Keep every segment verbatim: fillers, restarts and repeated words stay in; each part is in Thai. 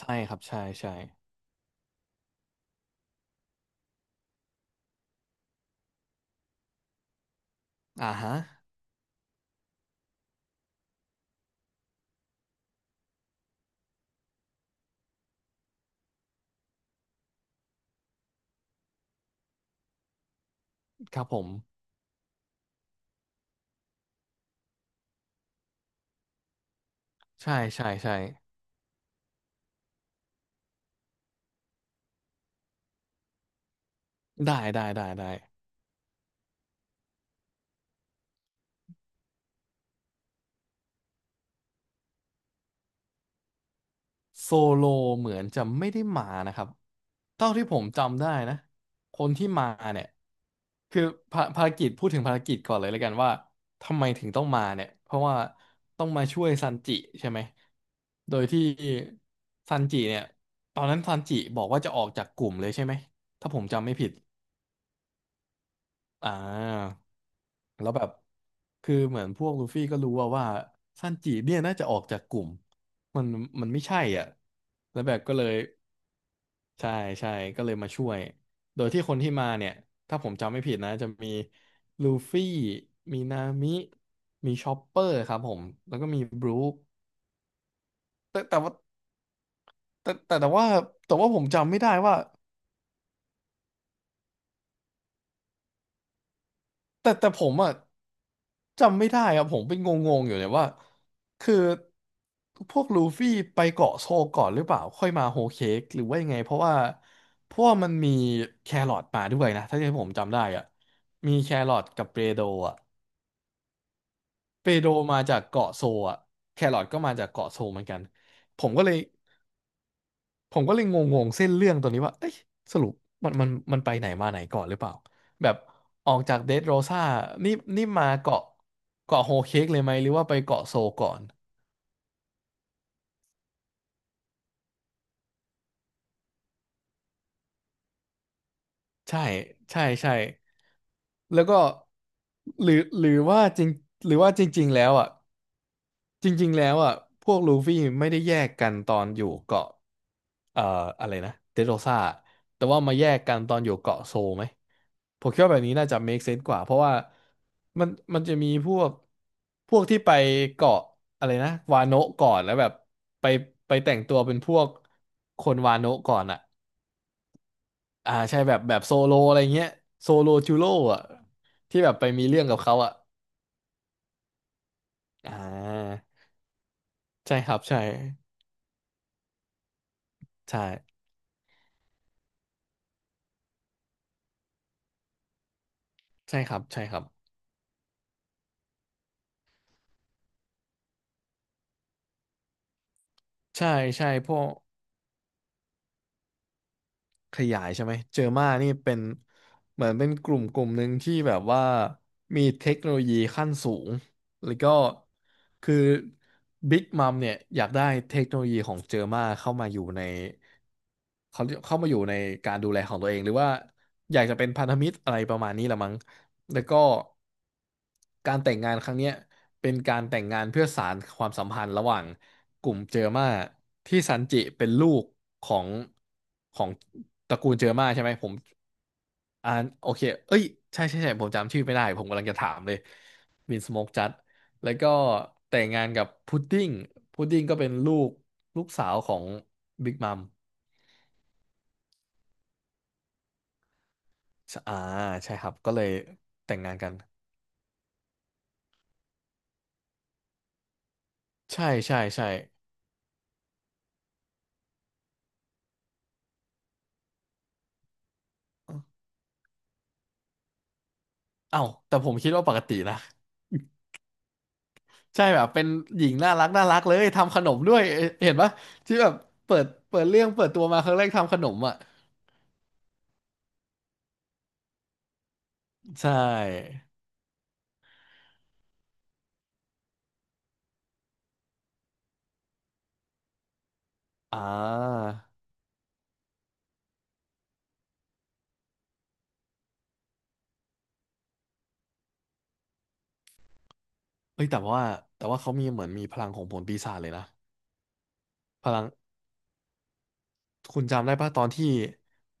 ใช่ครับใช่ใช่อ่าฮะครับผมใช่ใช่ใช่ได้ได้ได้ได้โซโลเหมือนจะไม่ได้มานะครับเท่าที่ผมจำได้นะคนที่มาเนี่ยคือภาภารกิจพูดถึงภารกิจก่อนเลยแล้วกันว่าทำไมถึงต้องมาเนี่ยเพราะว่าต้องมาช่วยซันจิใช่ไหมโดยที่ซันจิเนี่ยตอนนั้นซันจิบอกว่าจะออกจากกลุ่มเลยใช่ไหมถ้าผมจำไม่ผิดอ่า แล้วแบบคือเหมือนพวกลูฟี่ก็รู้ว่าว่าซันจิเนี่ยน่าจะออกจากกลุ่มมันมันไม่ใช่อ่ะแล้วแบบก็เลยใช่ใช่ก็เลยมาช่วยโดยที่คนที่มาเนี่ยถ้าผมจำไม่ผิดนะจะมีลูฟี่มีนามิมีชอปเปอร์ครับผมแล้วก็มีบรูคแต่แต่ว่าแต่แต่แต่ว่าแต่ว่าผมจำไม่ได้ว่า แต่แต่ผมอ่ะจำไม่ได้ครับผมเป็นงงๆอยู่เนี่ยว่าคือพวกลูฟี่ไปเกาะโซลก่อนหรือเปล่าค่อยมาโฮลเค้กหรือว่ายังไงเพราะว่าเพราะว่ามันมีแครอทมาด้วยนะถ้าที่ผมจำได้อ่ะมีแครอทกับเปโดรอ่ะเปโดรมาจากเกาะโซลอ่ะแครอทก็มาจากเกาะโซลเหมือนกันผมก็เลย ผมก็เลยงงๆเส้นเรื่องตัวนี้ว่าเอ้ยสรุปมันมันมันไปไหนมาไหนก่อนหรือเปล่า แบบออกจากเดดโรซ่านี่นี่มาเกาะเกาะโฮเค้กเลยไหมหรือว่าไปเกาะโซก่อน ใช่ใช่ใช่แล้วก็หรือหรือว่าจริงหรือว่าจริงๆแล้วอ่ะจริงๆแล้วอ่ะพวกลูฟี่ไม่ได้แยกกันตอนอยู่เกาะเอ่ออะไรนะเดดโรซ่าแต่ว่ามาแยกกันตอนอยู่เกาะโซไหม ผมคิดว่าแบบนี้น่าจะ make sense กว่าเพราะว่ามันมันจะมีพวกพวกที่ไปเกาะอะไรนะวาโนะก่อนแล้วแบบไปไปแต่งตัวเป็นพวกคนวาโนะก่อนอ่ะอ่าใช่แบบแบบโซโลอะไรเงี้ยโซโลจูโร่อ่ะที่แบบไปมีเรื่องกับเขาอ่ะอ่าใช่ครับใช่ใช่ใช่ครับใช่ครับใช่ใช่พวก ขยายใช่ไหมเจอมานี่เป็นเหมือนเป็นกลุ่มกลุ่มหนึ่งที่แบบว่ามีเทคโนโลยีขั้นสูงแล้วก็คือบิ๊กมัมเนี่ยอยากได้เทคโนโลยีของเจอมาเข้ามาอยู่ในเขาเข้ามาอยู่ในการดูแลของตัวเองหรือว่าอยากจะเป็นพันธมิตรอะไรประมาณนี้ละมั้ง แล้วก็การแต่งงานครั้งเนี้ยเป็นการแต่งงานเพื่อสานความสัมพันธ์ระหว่างกลุ่มเจอมาที่ซันจิเป็นลูกของของตระกูลเจอมาใช่ไหมผมอ่านโอเคเอ้ยใช่ใช่ใช่ผมจำชื่อไม่ได้ผมกำลังจะถามเลยวินสโมกจัดแล้วก็แต่งงานกับพุดดิ้งพุดดิ้งก็เป็นลูกลูกสาวของบิ๊กมัมอ่าใช่ครับก็เลยแต่งงานกันใช่ใช่ใช่เออ เอ้าแต่ผมคิดว่าปกตินะใช่แบบเป็นหญิงน่ารักน่ารักเลยทำขนมด้วยเอเห็นปะที่แบบเปิดเปิดเรื่องเปิดตัวมาครั้งแรกทำขนมอ่ะใช่อ่าเอ้ยแต่ว่าแต่ว่าเขามีเหมือนมีพลังของผลปีศาจเลยนะพลังคุณจำได้ปะตอนที่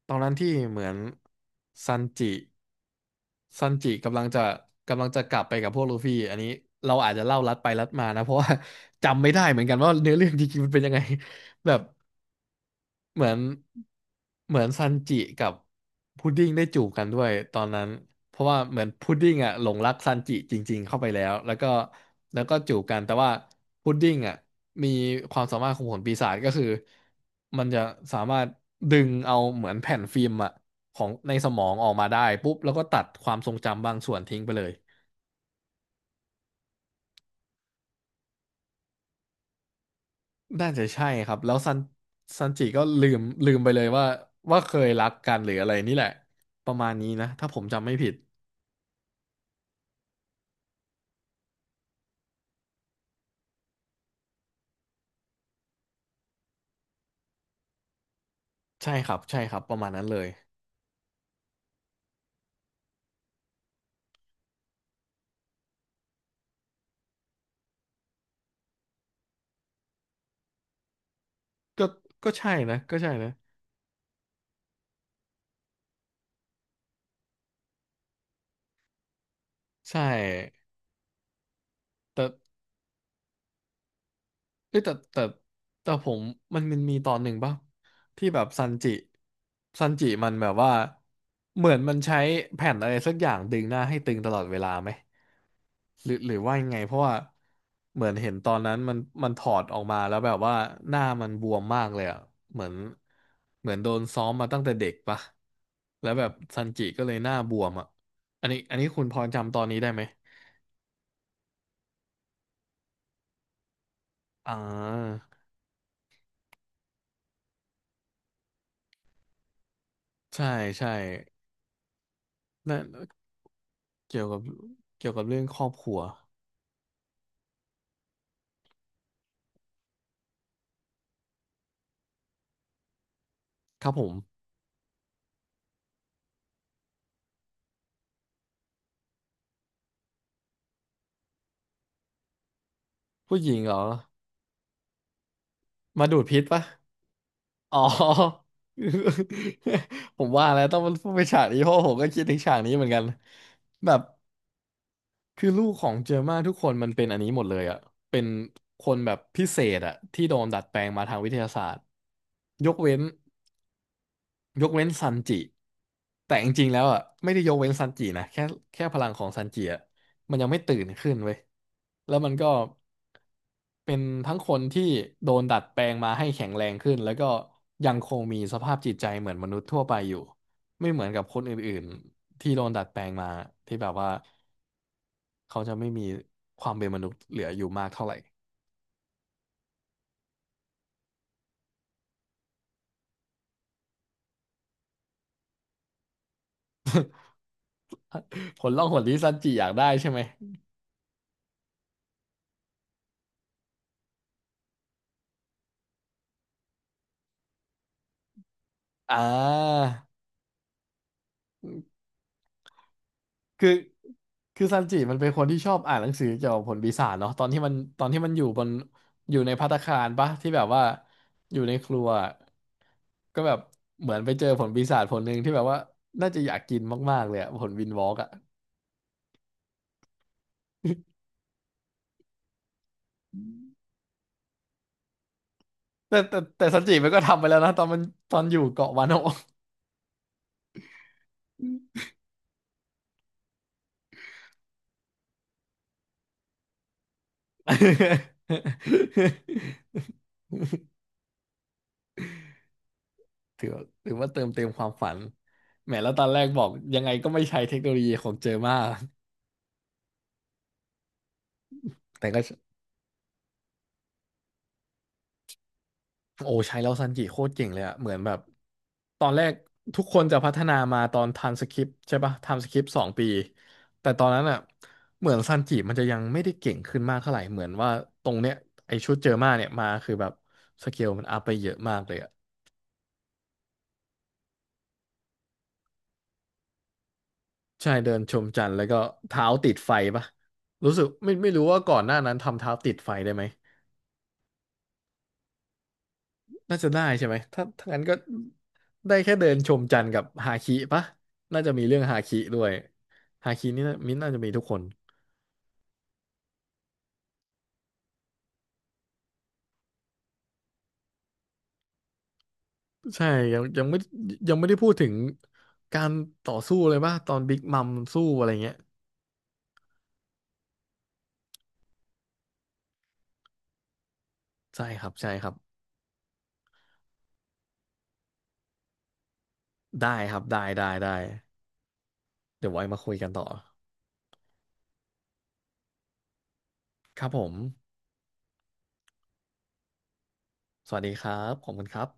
ตอนนั้นที่เหมือนซันจิซันจิกำลังจะกำลังจะกลับไปกับพวกลูฟี่อันนี้เราอาจจะเล่าลัดไปลัดมานะเพราะว่า จำไม่ได้เหมือนกันว่าเนื้อเรื่องจริงๆมันเป็นยังไง แบบ เหมือนเหมือนซันจิกับพุดดิ้งได้จูบกันด้วยตอนนั้นเพราะว่าเหมือนพุดดิ้งอ่ะหลงรักซันจิจริงๆเข้าไปแล้วแล้วก็แล้วก็จูบกันแต่ว่าพุดดิ้งอ่ะมีความสามารถของผลปีศาจก็คือมันจะสามารถดึงเอาเหมือนแผ่นฟิล์มอ่ะของในสมองออกมาได้ปุ๊บแล้วก็ตัดความทรงจำบางส่วนทิ้งไปเลยน่าจะใช่ครับแล้วซันซันจิก็ลืมลืมไปเลยว่าว่าเคยรักกันหรืออะไรนี่แหละประมาณนี้นะถ้าผมจำไม่ผิด ใช่ครับใช่ครับประมาณนั้นเลยก็ก็ใช่นะก็ใช่นะใช่แต่เอ้ยแต่แต่แต่ผมมันมันมีตอนหนึ่งป่ะที่แบบซันจิซันจิมันแบบว่าเหมือนมันใช้แผ่นอะไรสักอย่างดึงหน้าให้ตึงตลอดเวลาไหม หรือหรือว่ายังไงเพราะว่าเหมือนเห็นตอนนั้นมันมันถอดออกมาแล้วแบบว่าหน้ามันบวมมากเลยอ่ะเหมือนเหมือนโดนซ้อมมาตั้งแต่เด็กปะแล้วแบบซันจิก็เลยหน้าบวมอ่ะอันนี้อันนี้คุณพอจำตอนนี้ได้ไหมอ่าใช่ใช่นั่นเกี่ยวกับเกี่ยวกับเรื่องครอบครัวครับผมผู้หญิงเหรอมาดูดพิษปะอ๋อ ผมว่าแล้วต้องเนไปฉากนี้เพราะผมก็คิดถึงฉากนี้เหมือนกันแบบ คือลูกของเจอร์มาทุกคนมันเป็นอันนี้หมดเลยอ่ะเป็นคนแบบพิเศษอ่ะที่โดนดัดแปลงมาทางวิทยาศาสตร์ยกเว้นยกเว้นซันจิแต่จริงๆแล้วอ่ะไม่ได้ยกเว้นซันจินะแค่แค่พลังของซันจิอ่ะมันยังไม่ตื่นขึ้นเว้ยแล้วมันก็เป็นทั้งคนที่โดนดัดแปลงมาให้แข็งแรงขึ้นแล้วก็ยังคงมีสภาพจิตใจเหมือนมนุษย์ทั่วไปอยู่ไม่เหมือนกับคนอื่นๆที่โดนดัดแปลงมาที่แบบว่า เขาจะไม่มีความเป็นมนุษย์เหลืออยู่มากเท่าไหร่ ผลล่องหนที่ซันจิอยากได้ใช่ไหมอ่าคือคือซันจิมันเป็นคนที่ชอบอ่านหนังสือเกี่ยวกับผลปีศาจเนาะตอนที่มันตอนที่มันอยู่บนอยู่ในภัตตาคารปะที่แบบว่าอยู่ในครัวก็แบบเหมือนไปเจอผลปีศาจผลหนึ่งที่แบบว่าน่าจะอยากกินมากๆเลยอะผลวินวอล์กอะ แต่แต่แต่ซันจิมันก็ทำไปแล้วนะตอนมันตอนอยู่เกาะวานโนะ ถือถือว่าเติมเต็มความฝันแหมแล้วตอนแรกบอกยังไงก็ไม่ใช้เทคโนโลยีของเจอมาแต่ก็โอ้ใช้แล้วซันจิโคตรเก่งเลยอะเหมือนแบบตอนแรกทุกคนจะพัฒนามาตอนทำสคริปต์ใช่ปะทำสคริปต์สองปีแต่ตอนนั้นอะเหมือนซันจิมันจะยังไม่ได้เก่งขึ้นมากเท่าไหร่เหมือนว่าตรงเนี้ยไอชุดเจอมาเนี่ยมาคือแบบสเกลมันอัพไปเยอะมากเลยอะใช่เดินชมจันทร์แล้วก็เท้าติดไฟปะรู้สึกไม่ไม่รู้ว่าก่อนหน้านั้นทำเท้าติดไฟได้ไหม น่าจะได้ใช่ไหม ถ้าถ้างั้นก็ได้แค่เดินชมจันทร์กับฮาคิปะ น่าจะมีเรื่องฮาคิด้วยฮาคินี่นามิ้นท์น่าจะมีทุกคน ใช่ยังยังไม่ยังไม่ได้พูดถึงการต่อสู้เลยป่ะตอนบิ๊กมัมสู้อะไรเงี้ยใช่ครับ ใช่ครับ ได้ครับ ได้ได้ได้เดี๋ยวไว้มาคุยกันต่อ ครับผม สวัสดีครับขอบคุณครับ